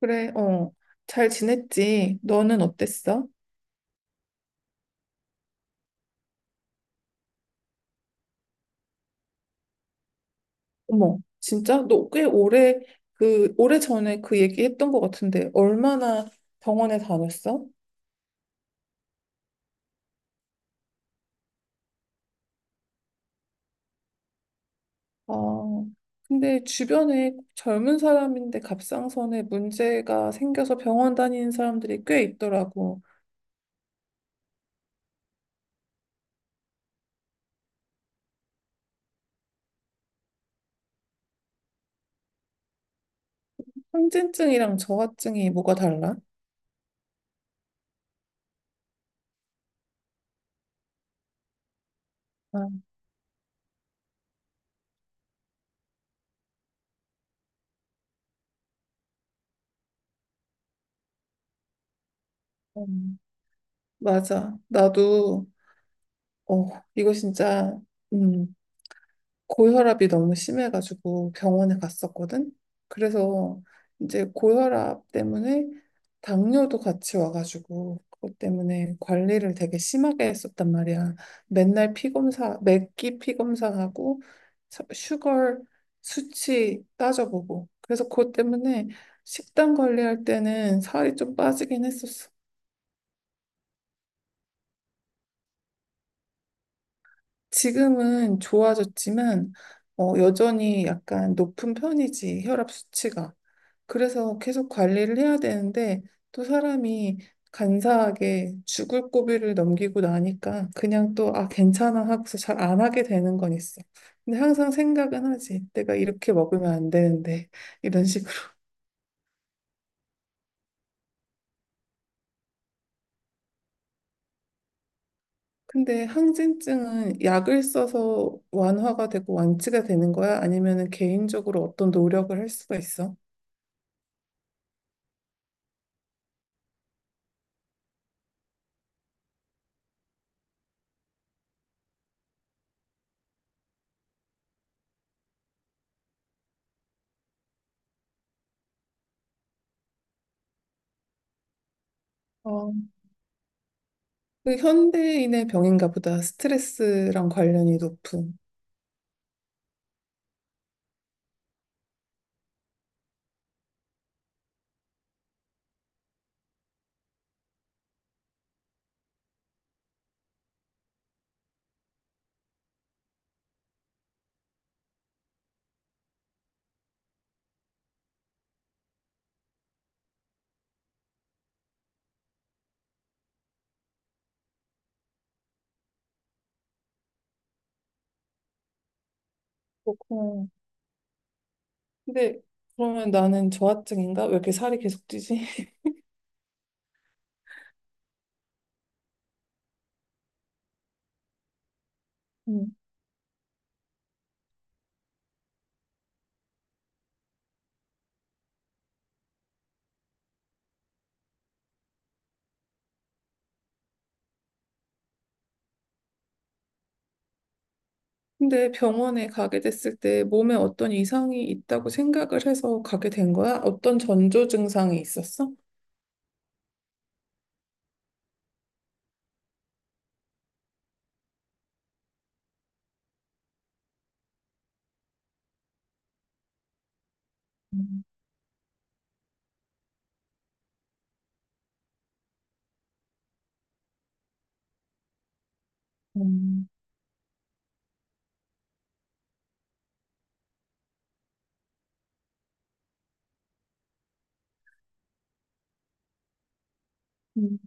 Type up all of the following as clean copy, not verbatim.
그래, 어. 잘 지냈지? 너는 어땠어? 어머, 진짜? 너 꽤 오래, 오래 전에 그 얘기 했던 것 같은데, 얼마나 병원에 다녔어? 아, 근데 주변에 젊은 사람인데 갑상선에 문제가 생겨서 병원 다니는 사람들이 꽤 있더라고. 항진증이랑 저하증이 뭐가 달라? 아, 음, 맞아. 나도, 이거 진짜, 음. 고혈압이 너무 심해가지고 병원에 갔었거든. 그래서 이제 고혈압 때문에 당뇨도 같이 와가지고 그것 때문에 관리를 되게 심하게 했었단 말이야. 맨날 피검사, 맥기 피검사하고 슈거 수치 따져보고. 그래서 그것 때문에 식단 관리할 때는 살이 좀 빠지긴 했었어. 지금은 좋아졌지만 여전히 약간 높은 편이지, 혈압 수치가. 그래서 계속 관리를 해야 되는데 또 사람이 간사하게 죽을 고비를 넘기고 나니까 그냥 또 아 괜찮아 하고서 잘 안 하게 되는 건 있어. 근데 항상 생각은 하지. 내가 이렇게 먹으면 안 되는데 이런 식으로. 근데 항진증은 약을 써서 완화가 되고 완치가 되는 거야? 아니면은 개인적으로 어떤 노력을 할 수가 있어? 어, 그 현대인의 병인가 보다. 스트레스랑 관련이 높은. 그렇구나. 근데 그러면 나는 저하증인가? 왜 이렇게 살이 계속 찌지? 음. 근데 병원에 가게 됐을 때 몸에 어떤 이상이 있다고 생각을 해서 가게 된 거야? 어떤 전조 증상이 있었어? 음, 음.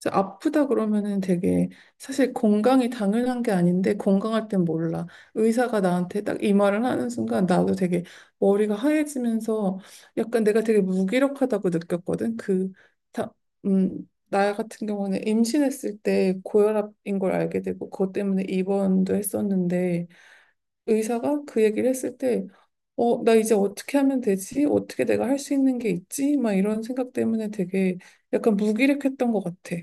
그래서 아프다 그러면은 되게 사실 건강이 당연한 게 아닌데 건강할 땐 몰라. 의사가 나한테 딱 이 말을 하는 순간 나도 되게 머리가 하얘지면서 약간 내가 되게 무기력하다고 느꼈거든. 다, 나 같은 경우는 임신했을 때 고혈압인 걸 알게 되고 그것 때문에 입원도 했었는데 의사가 그 얘기를 했을 때 나 이제 어떻게 하면 되지? 어떻게 내가 할 수 있는 게 있지? 막 이런 생각 때문에 되게 약간 무기력했던 것 같아.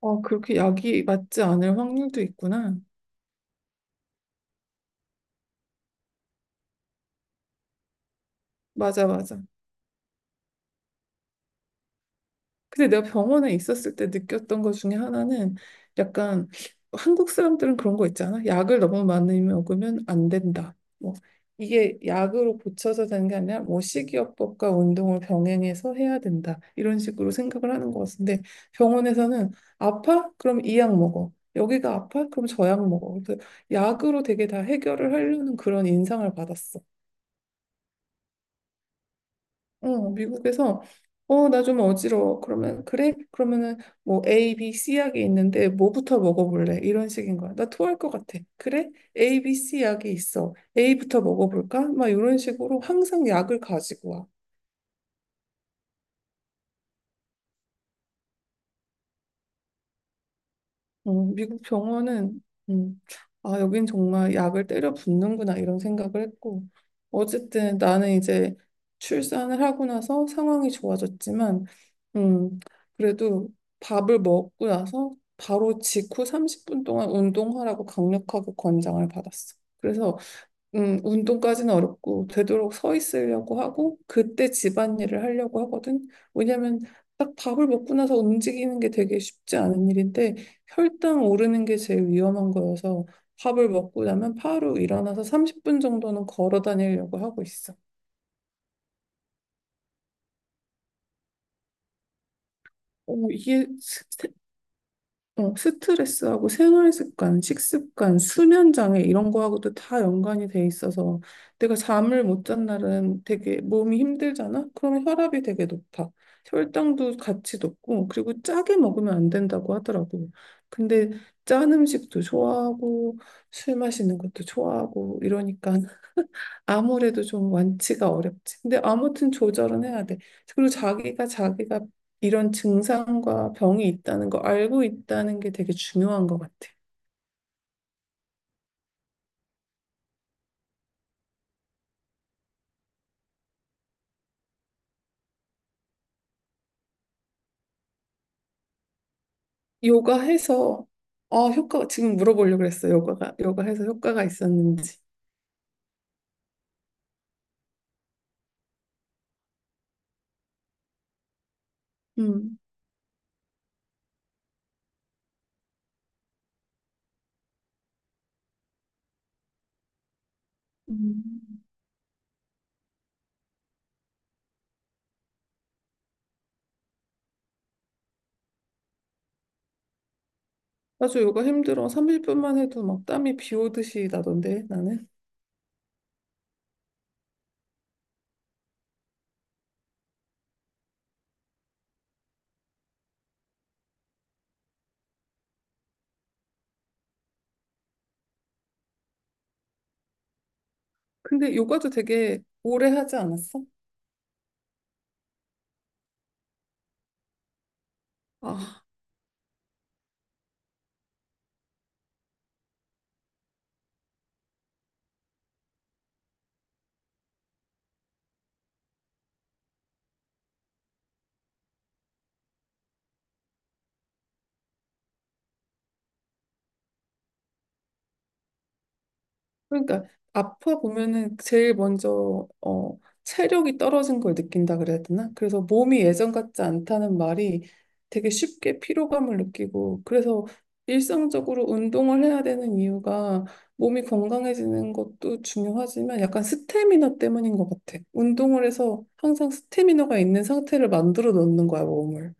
어, 그렇게 약이 맞지 않을 확률도 있구나. 맞아, 맞아. 근데 내가 병원에 있었을 때 느꼈던 것 중에 하나는 약간 한국 사람들은 그런 거 있잖아. 약을 너무 많이 먹으면 안 된다. 뭐 이게 약으로 고쳐서 되는 게 아니라 뭐 식이요법과 운동을 병행해서 해야 된다. 이런 식으로 생각을 하는 것 같은데 병원에서는 아파? 그럼 이 약 먹어. 여기가 아파? 그럼 저 약 먹어. 그래서 약으로 되게 다 해결을 하려는 그런 인상을 받았어. 어, 미국에서 나 좀 어지러워. 그러면 그래? 그러면은 뭐 A, B, C 약이 있는데 뭐부터 먹어볼래? 이런 식인 거야. 나 토할 것 같아. 그래? A, B, C 약이 있어. A부터 먹어볼까? 막 이런 식으로 항상 약을 가지고 와. 어, 미국 병원은 음, 아 여긴 정말 약을 때려 붓는구나 이런 생각을 했고 어쨌든 나는 이제 출산을 하고 나서 상황이 좋아졌지만 음, 그래도 밥을 먹고 나서 바로 직후 30분 동안 운동하라고 강력하게 권장을 받았어. 그래서 운동까지는 어렵고 되도록 서 있으려고 하고 그때 집안일을 하려고 하거든. 왜냐면 딱 밥을 먹고 나서 움직이는 게 되게 쉽지 않은 일인데 혈당 오르는 게 제일 위험한 거여서 밥을 먹고 나면 바로 일어나서 30분 정도는 걸어 다니려고 하고 있어. 오, 이게 스트레스하고 생활 습관, 식습관, 수면 장애 이런 거하고도 다 연관이 돼 있어서 내가 잠을 못 잔 날은 되게 몸이 힘들잖아? 그러면 혈압이 되게 높아. 혈당도 같이 높고 그리고 짜게 먹으면 안 된다고 하더라고. 근데 짠 음식도 좋아하고 술 마시는 것도 좋아하고 이러니까 아무래도 좀 완치가 어렵지. 근데 아무튼 조절은 해야 돼. 그리고 자기가 이런 증상과 병이 있다는 거 알고 있다는 게 되게 중요한 것 같아. 요가 해서 아 효과 지금 물어보려고 그랬어. 요가 해서 효과가 있었는지. 음. 음. 맞아 요가 힘들어. 30분만 해도 막 땀이 비 오듯이 나던데 나는. 근데 요가도 되게 오래 하지 않았어? 아 그러니까 아파 보면은 제일 먼저 체력이 떨어진 걸 느낀다 그래야 되나? 그래서 몸이 예전 같지 않다는 말이 되게 쉽게 피로감을 느끼고 그래서 일상적으로 운동을 해야 되는 이유가 몸이 건강해지는 것도 중요하지만 약간 스태미너 때문인 것 같아. 운동을 해서 항상 스태미너가 있는 상태를 만들어 놓는 거야, 몸을.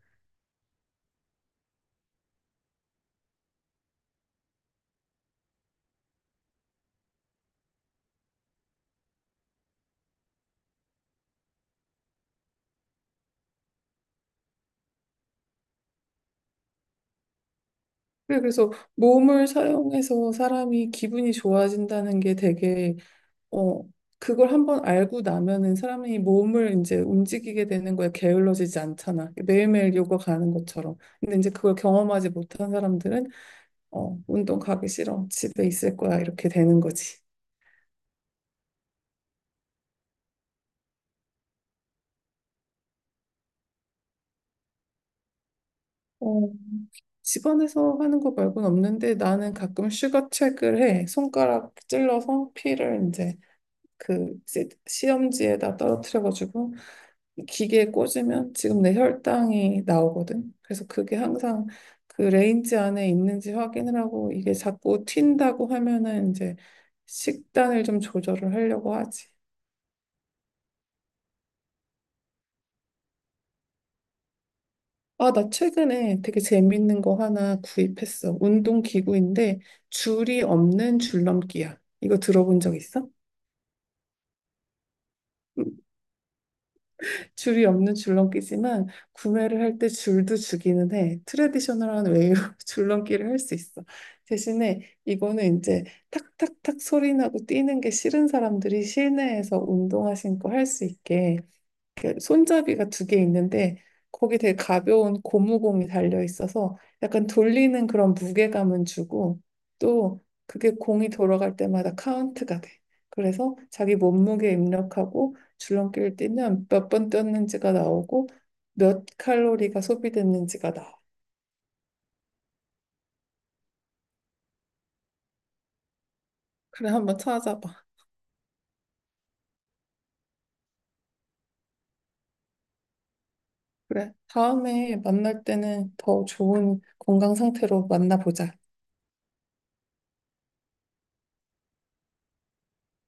그래, 그래서 몸을 사용해서 사람이 기분이 좋아진다는 게 되게 어, 그걸 한번 알고 나면은 사람이 몸을 이제 움직이게 되는 거에 게을러지지 않잖아. 매일매일 요가 가는 것처럼. 근데 이제 그걸 경험하지 못한 사람들은 어, 운동 가기 싫어. 집에 있을 거야. 이렇게 되는 거지. 어, 집안에서 하는 거 말고는 없는데 나는 가끔 슈거책을 해. 손가락 찔러서 피를 이제 그 이제 시험지에다 떨어뜨려가지고 이 기계에 꽂으면 지금 내 혈당이 나오거든. 그래서 그게 항상 그 레인지 안에 있는지 확인을 하고 이게 자꾸 튄다고 하면은 이제 식단을 좀 조절을 하려고 하지. 아, 나 최근에 되게 재밌는 거 하나 구입했어. 운동 기구인데 줄이 없는 줄넘기야. 이거 들어본 적 있어? 줄이 없는 줄넘기지만 구매를 할 때 줄도 주기는 해. 트레디셔널한 웨이로 줄넘기를 할 수 있어. 대신에 이거는 이제 탁탁탁 소리 나고 뛰는 게 싫은 사람들이 실내에서 운동화 신고 할 수 있게 이렇게 손잡이가 2개 있는데 거기 되게 가벼운 고무공이 달려 있어서 약간 돌리는 그런 무게감은 주고 또 그게 공이 돌아갈 때마다 카운트가 돼. 그래서 자기 몸무게 입력하고 줄넘기를 뛰면 몇 번 뛰었는지가 나오고 몇 칼로리가 소비됐는지가 나와. 그래, 한번 찾아봐. 그래, 다음에 만날 때는 더 좋은 건강 상태로 만나보자.